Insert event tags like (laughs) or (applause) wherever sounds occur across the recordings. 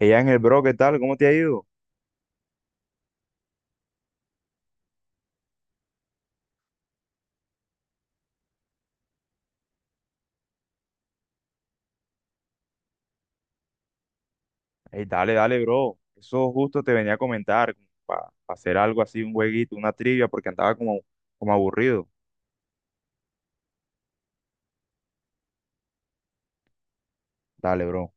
Ella en el bro, ¿qué tal? ¿Cómo te ha ido? Ey, dale, bro. Eso justo te venía a comentar, para hacer algo así, un jueguito, una trivia, porque andaba como aburrido. Dale, bro.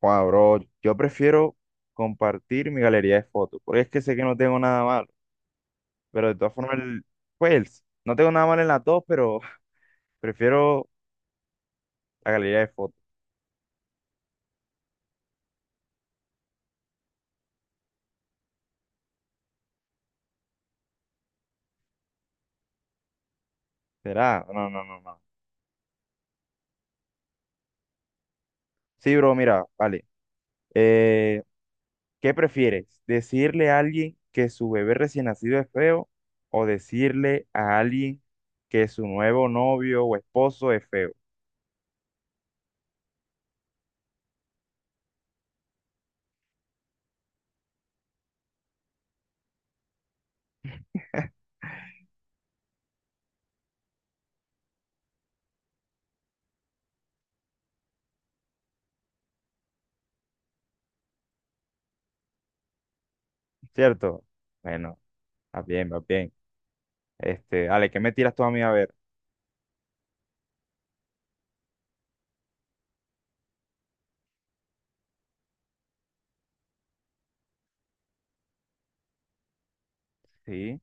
Wow, bro, yo prefiero compartir mi galería de fotos, porque es que sé que no tengo nada malo, pero de todas formas, pues, no tengo nada mal en las dos, pero (laughs) prefiero la galería de fotos. ¿Será? No, no, no, no. Sí, bro, mira, vale. Eh, ¿Qué prefieres? ¿Decirle a alguien que su bebé recién nacido es feo o decirle a alguien que su nuevo novio o esposo es feo? ¿Cierto? Bueno, va bien, va bien. Este, Ale, ¿qué me tiras tú a mí a ver? Sí.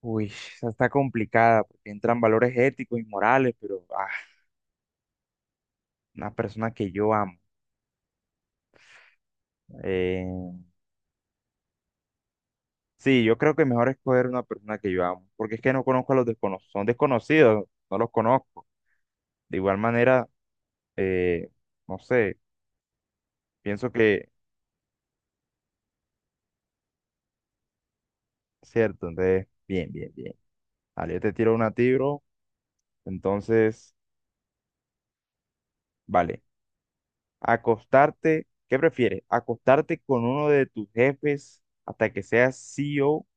Uy, esa está complicada porque entran valores éticos y morales, pero una persona que yo amo. Eh, sí, yo creo que mejor escoger una persona que yo amo, porque es que no conozco a los desconocidos, son desconocidos, no los conozco. De igual manera, eh, no sé. Pienso que, cierto, entonces, bien, bien, bien. Vale, yo te tiro una tiro, entonces, vale. ¿Qué prefieres? ¿Acostarte con uno de tus jefes hasta que seas CEO o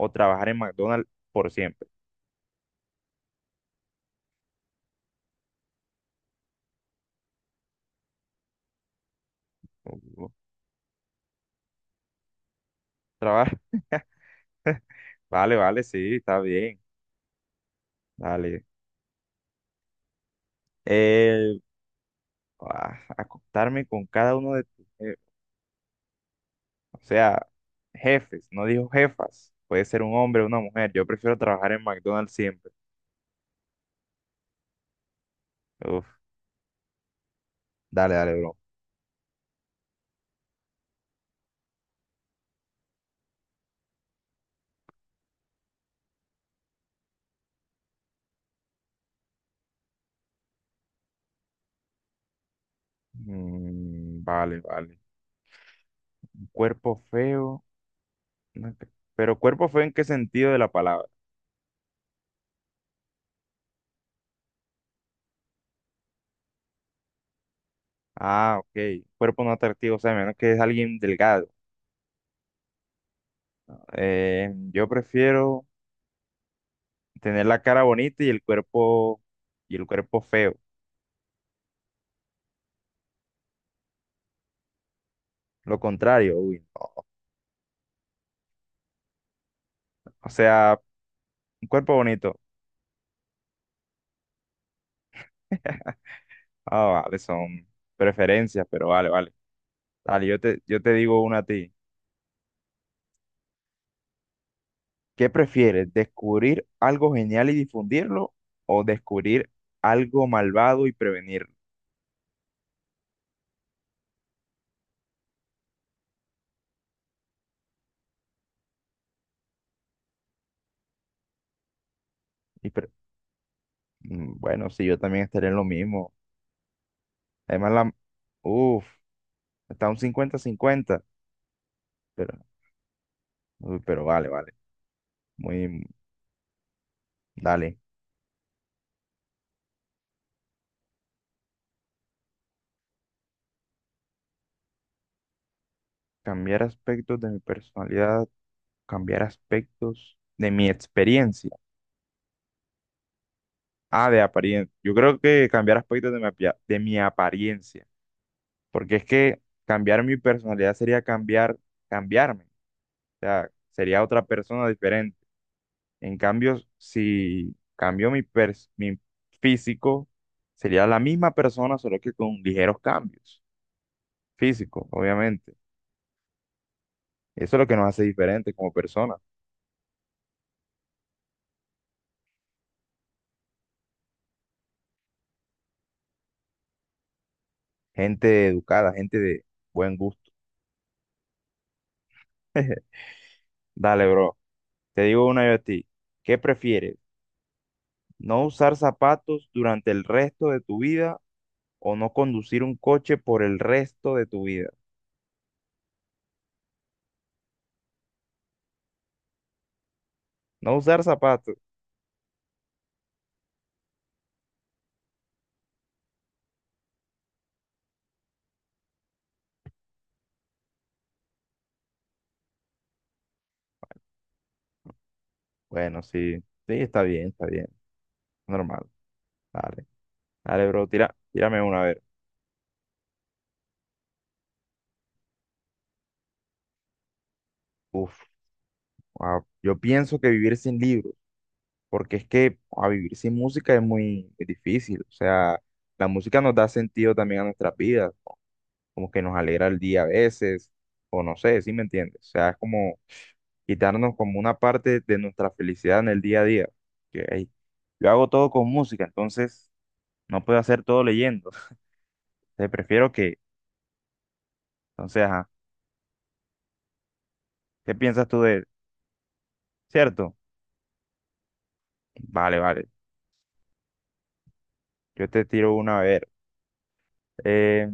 o trabajar en McDonald's por siempre? Uh, Trabajar, (laughs) vale, vale, sí, está bien, vale. Eh, acostarme con cada uno de tus jefes, o sea, jefes, no dijo jefas, puede ser un hombre o una mujer, yo prefiero trabajar en McDonald's siempre. Uf, dale, dale, bro. Mm, vale, vale. Cuerpo feo. No atrac- Pero cuerpo feo en qué sentido de la palabra. Ah, ok. Cuerpo no atractivo, o sea, menos que es alguien delgado. Yo prefiero tener la cara bonita y el cuerpo feo. Lo contrario, uy. No. O sea, un cuerpo bonito. Ah, vale, son preferencias, pero vale, vale. Dale, yo te digo una a ti. ¿Qué prefieres? ¿Descubrir algo genial y difundirlo o descubrir algo malvado y prevenirlo? Y pre- bueno, sí, yo también estaría en lo mismo. Además, la... Uf, está un cincuenta cincuenta pero, pero vale, vale. Muy... Dale. Cambiar aspectos de mi personalidad, cambiar aspectos de mi experiencia. Ah, de apariencia. Yo creo que cambiar aspectos de de mi apariencia. Porque es que cambiar mi personalidad sería cambiarme. O sea, sería otra persona diferente. En cambio, si cambio mi físico, sería la misma persona, solo que con ligeros cambios físicos, obviamente. Eso es lo que nos hace diferentes como personas. Gente educada, gente de buen gusto. (laughs) Dale, bro. Te digo una yo a ti. ¿Qué prefieres? ¿No usar zapatos durante el resto de tu vida o no conducir un coche por el resto de tu vida? No usar zapatos. Bueno, sí. Sí, está bien, está bien. Normal. Dale. Dale, bro. Tírame una vez. Uf, yo pienso que vivir sin libros, porque es que a vivir sin música es muy, muy difícil. O sea, la música nos da sentido también a nuestras vidas, como que nos alegra el día a veces, o no sé, ¿sí me entiendes? O sea, es como quitarnos como una parte de nuestra felicidad en el día a día. Que, ey, yo hago todo con música, entonces no puedo hacer todo leyendo. (laughs) Entonces prefiero que, entonces, ajá, ¿qué piensas tú de, él? ¿Cierto? Vale, yo te tiro una a ver. eh,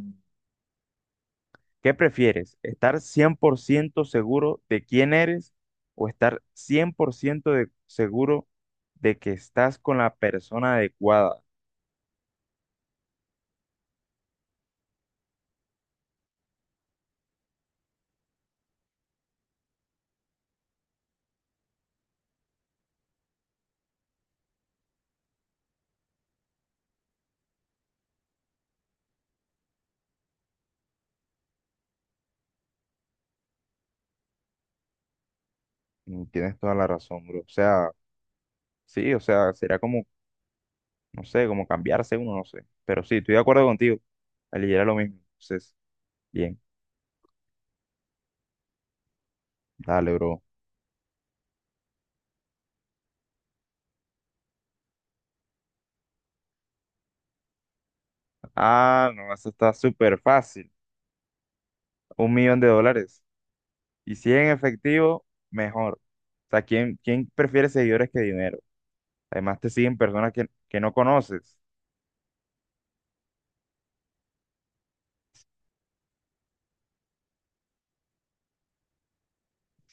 ¿Qué prefieres? ¿Estar 100% seguro de quién eres o estar 100% de- seguro de que estás con la persona adecuada? Mm, tienes toda la razón, bro. O sea, sí, o sea, será como, no sé, como cambiarse uno, no sé. Pero sí, estoy de acuerdo contigo. Aliviera lo mismo. Entonces, bien, dale, bro. Ah, no, eso está súper fácil. Un millón de dólares. Y si en efectivo, mejor. O sea, quién prefiere seguidores que dinero? Además, te siguen que no conoces.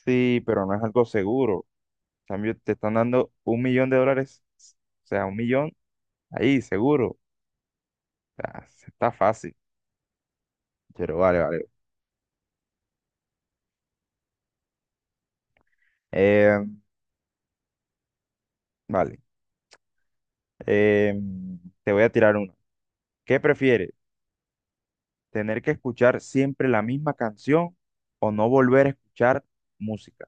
Sí, pero no es algo seguro. En cambio, te están dando un millón de dólares, o sea, un millón ahí, seguro. O sea, está fácil. Pero vale, vale. Eh, vale. Eh, te voy a tirar una. ¿Qué prefieres? ¿Tener que escuchar siempre la misma canción o no volver a escuchar música?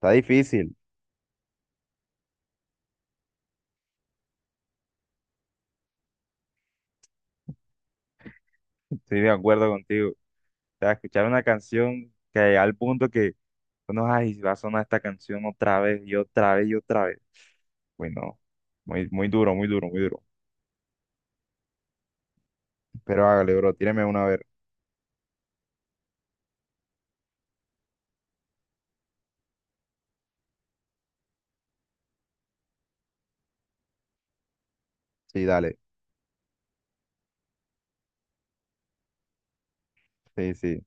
Está difícil. (laughs) Estoy de acuerdo contigo. Sea, escuchar una canción que al punto que uno, ay, va a sonar esta canción otra vez y otra vez y otra vez. Uy, no muy, muy duro, muy duro, muy duro. Pero hágale, bro, tíreme una a ver. Sí, dale. Sí, sí.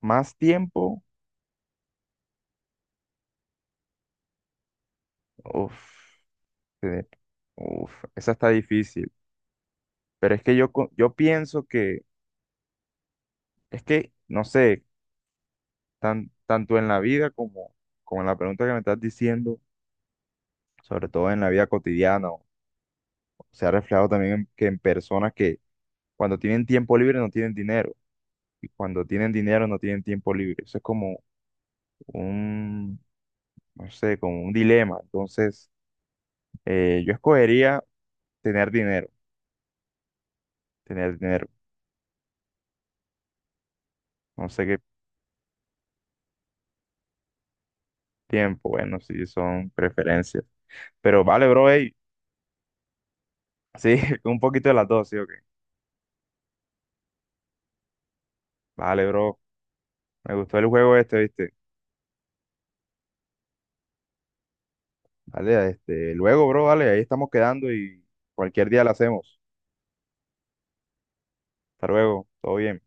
Más tiempo, uff, uff, esa está difícil. Pero es que yo pienso que, es que, no sé, tanto en la vida como, como en la pregunta que me estás diciendo, sobre todo en la vida cotidiana, se ha reflejado también que en personas que cuando tienen tiempo libre no tienen dinero. Y cuando tienen dinero no tienen tiempo libre. Eso es como un, no sé, como un dilema. Entonces, yo escogería tener dinero, tener dinero. No sé qué tiempo, bueno, sí son preferencias. Pero vale, bro, ey. Sí, (laughs) un poquito de las dos, sí, ok. Vale, bro. Me gustó el juego este, ¿viste? Vale, este, luego, bro, vale, ahí estamos quedando y cualquier día lo hacemos. Hasta luego, todo bien.